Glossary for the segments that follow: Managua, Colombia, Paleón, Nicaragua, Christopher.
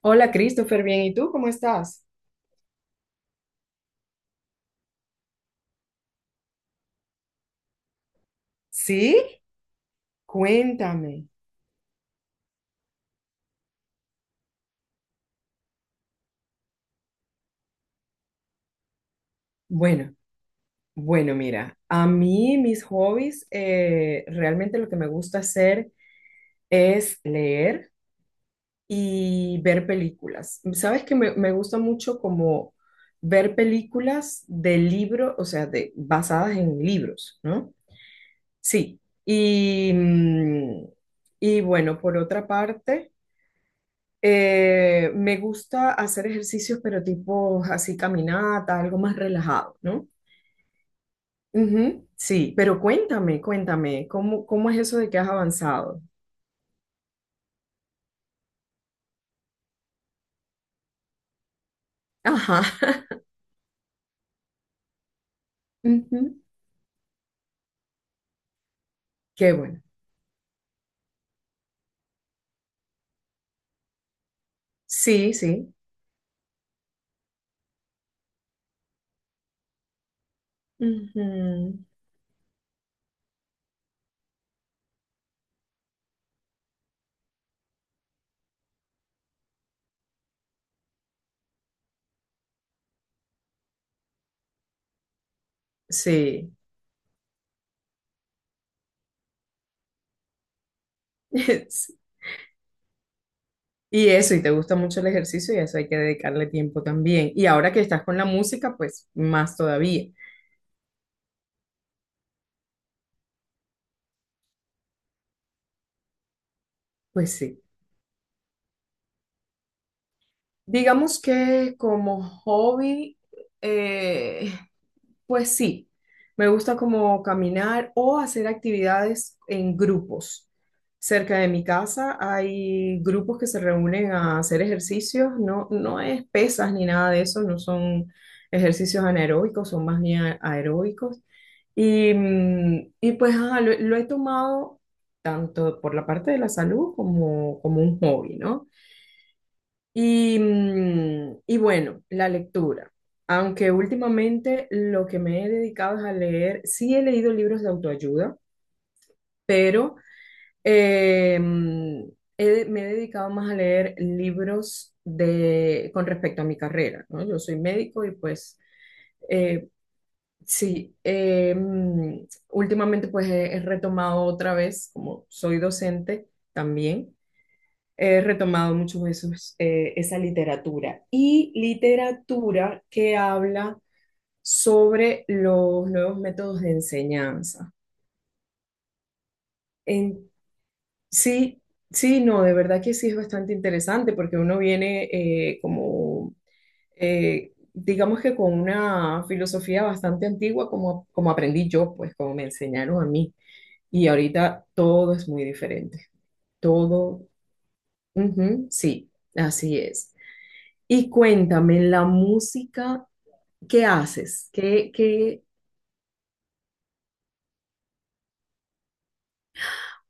Hola Christopher, bien, ¿y tú cómo estás? ¿Sí? Cuéntame. Bueno, bueno, mira, a mí mis hobbies, realmente lo que me gusta hacer es leer y ver películas. Sabes que me gusta mucho como ver películas de libros, o sea, de, basadas en libros, ¿no? Sí. Y, mm, y bueno, por otra parte... me gusta hacer ejercicios, pero tipo así caminata, algo más relajado, ¿no? Ujú, sí, pero cuéntame, cómo es eso de que has avanzado? Ajá. Ujú. Qué bueno. Sí, sí. Ujú. Sí. Sí. Y eso, y te gusta mucho el ejercicio y a eso hay que dedicarle tiempo también. Y ahora que estás con la música, pues más todavía. Pues sí. Digamos que como hobby, eh, pues sí, me gusta como caminar o hacer actividades en grupos. Cerca de mi casa hay grupos que se reúnen a hacer ejercicios, no, no es pesas ni nada de eso, no son ejercicios anaeróbicos, son más bien aeróbicos. Y pues ajá, lo he tomado tanto por la parte de la salud como, como un hobby, ¿no? Y bueno, la lectura. Aunque últimamente lo que me he dedicado es a leer, sí he leído libros de autoayuda, pero eh, mm, me he dedicado más a leer libros de, con respecto a mi carrera, ¿no? Yo soy médico y pues eh, sí, últimamente pues he retomado otra vez, como soy docente también he retomado mucho esos, esa literatura y literatura que habla sobre los nuevos métodos de enseñanza. En, sí, sí, no, de verdad que sí es bastante interesante porque uno viene como, digamos que con una filosofía bastante antigua como, como aprendí yo, pues como me enseñaron a mí. Y ahorita todo es muy diferente. Todo, ujú, sí, así es. Y cuéntame, la música, ¿qué haces? Qué?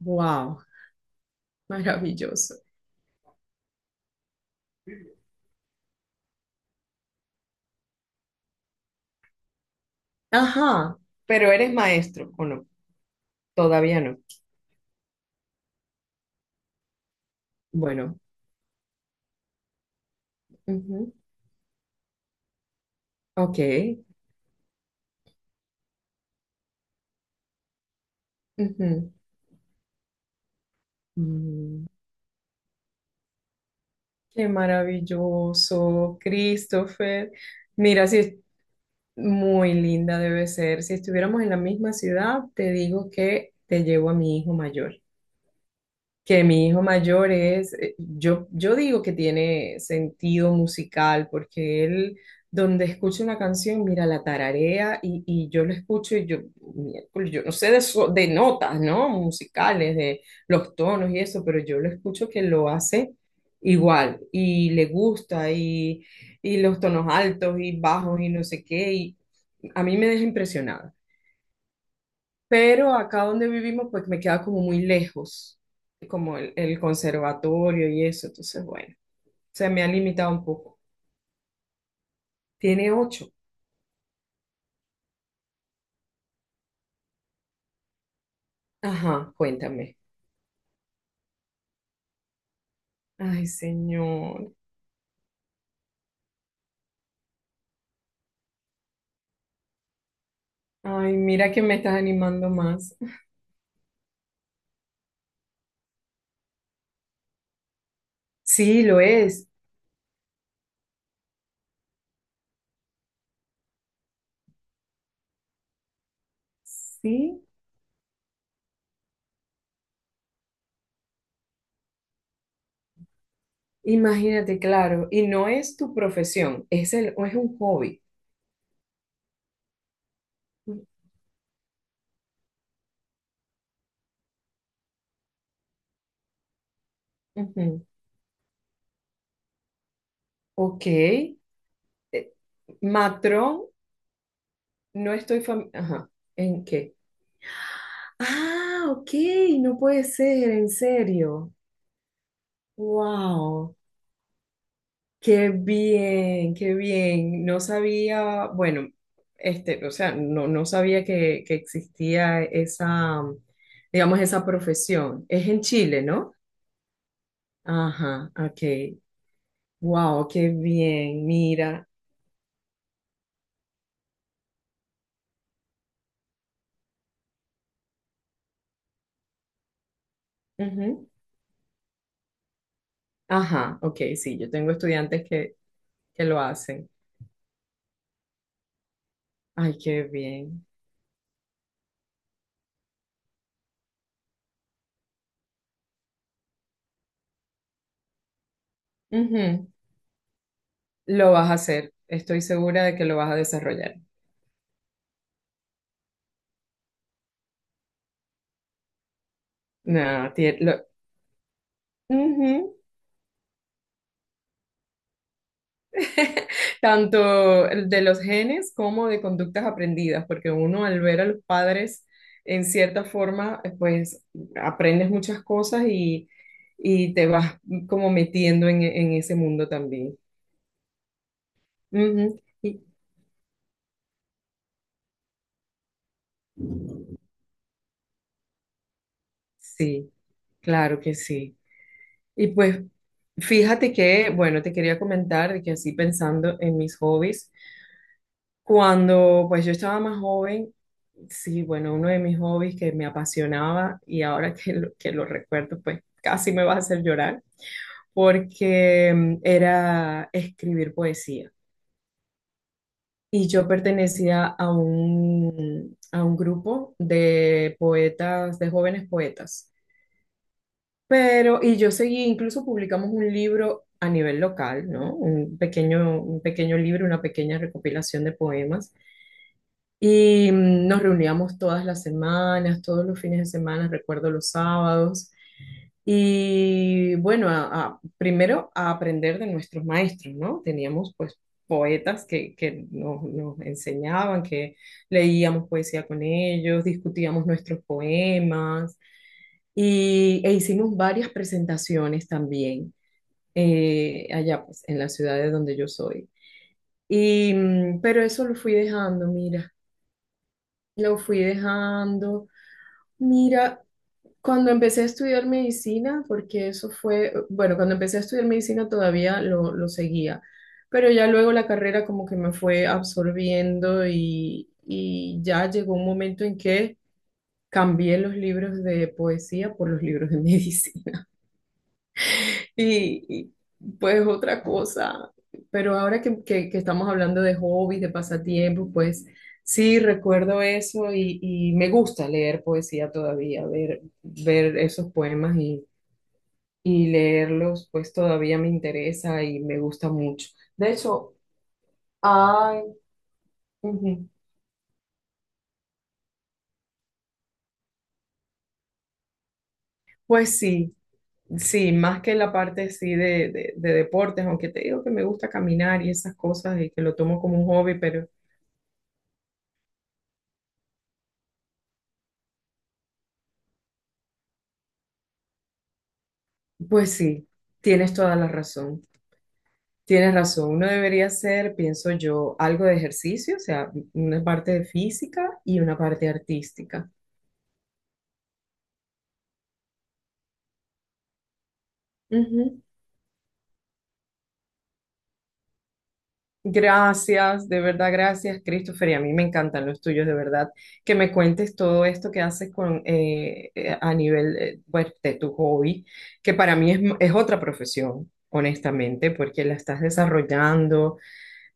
Wow, maravilloso. Ajá, pero eres maestro, ¿o no? Todavía no. Bueno, ujú, ok. Ujú. Mm, qué maravilloso, Christopher. Mira, si es muy linda debe ser. Si estuviéramos en la misma ciudad, te digo que te llevo a mi hijo mayor. Que mi hijo mayor es, yo digo que tiene sentido musical, porque él donde escucha una canción, mira, la tararea y yo lo escucho y yo, miércoles, yo no sé de, de notas, ¿no? Musicales, de los tonos y eso, pero yo lo escucho que lo hace igual y le y los tonos altos y bajos y no sé qué, y a mí me deja impresionada, pero acá donde vivimos pues me queda como muy lejos, como el conservatorio y eso, entonces bueno, se me ha limitado un poco. Tiene ocho. Ajá, cuéntame. Ay, señor. Ay, mira que me estás animando más. Sí, lo es. Sí, imagínate, claro. Y no es tu profesión, es es un hobby. Ujú. Ok. Matrón, no estoy fam- Ajá. ¿En qué? Ah, ok, no puede ser, en serio. Wow, qué bien, qué bien. No sabía, bueno, este, o sea, no, no sabía que existía esa, digamos, esa profesión. Es en Chile, ¿no? Ajá, ok. Wow, qué bien, mira. Ujú. Ajá, ok, sí, yo tengo estudiantes que lo hacen. Ay, qué bien. Ujú. Lo vas a hacer, estoy segura de que lo vas a desarrollar. No, tie- lo- Ujú. Tanto el de los genes como de conductas aprendidas, porque uno al ver a los padres, en cierta forma, pues aprendes muchas cosas y te vas como metiendo en ese mundo también. Ujú. Y- sí, claro que sí. Y pues fíjate que, bueno, te quería comentar de que así pensando en mis hobbies. Cuando pues yo estaba más joven, sí, bueno, uno de mis hobbies que me apasionaba y ahora que que lo recuerdo, pues casi me va a hacer llorar, porque era escribir poesía. Y yo pertenecía a a un grupo de poetas, de jóvenes poetas. Pero, y yo seguí, incluso publicamos un libro a nivel local, ¿no? Un pequeño libro, una pequeña recopilación de poemas. Y nos reuníamos todas las semanas, todos los fines de semana, recuerdo los sábados. Y bueno, primero a aprender de nuestros maestros, ¿no? Teníamos pues poetas que nos enseñaban, que leíamos poesía con ellos, discutíamos nuestros poemas y, e hicimos varias presentaciones también allá pues en la ciudad de donde yo soy. Pero eso lo fui dejando, mira, lo fui dejando. Mira, cuando empecé a estudiar medicina, porque eso fue, bueno, cuando empecé a estudiar medicina todavía lo seguía, pero ya luego la carrera como que me fue absorbiendo y ya llegó un momento en que cambié los libros de poesía por los libros de medicina. Y pues otra cosa, pero ahora que estamos hablando de hobbies, de pasatiempos, pues sí, recuerdo eso y me gusta leer poesía todavía, ver esos poemas y leerlos, pues todavía me interesa y me gusta mucho. De hecho, ay, ujú, pues sí, sí, más que la parte sí de, de deportes, aunque te digo que me gusta caminar y esas cosas y que lo tomo como un hobby, pero pues sí. Tienes toda la razón. Tienes razón, uno debería hacer, pienso yo, algo de ejercicio, o sea, una parte de física y una parte artística. Ujú. Gracias, de verdad, gracias, Christopher, y a mí me encantan los tuyos, de verdad, que me cuentes todo esto que haces con, a nivel, pues, de tu hobby, que para mí es otra profesión, honestamente, porque la estás desarrollando,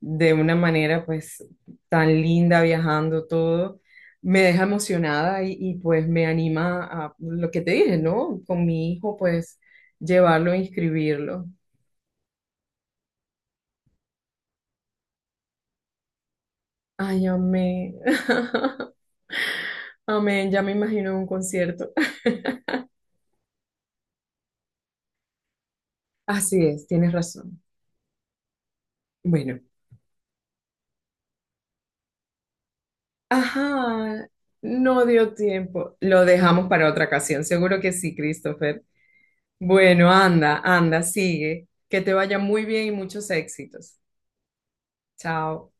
de una manera pues tan linda viajando todo, me deja emocionada y pues me anima a lo que te dije, ¿no? Con mi hijo pues llevarlo e inscribirlo. Ay, amén. Amén, ya me imagino un concierto. Así es, tienes razón. Bueno, ajá, no dio tiempo. Lo dejamos para otra ocasión, seguro que sí, Christopher. Bueno, anda, anda, sigue. Que te vaya muy bien y muchos éxitos. Chao.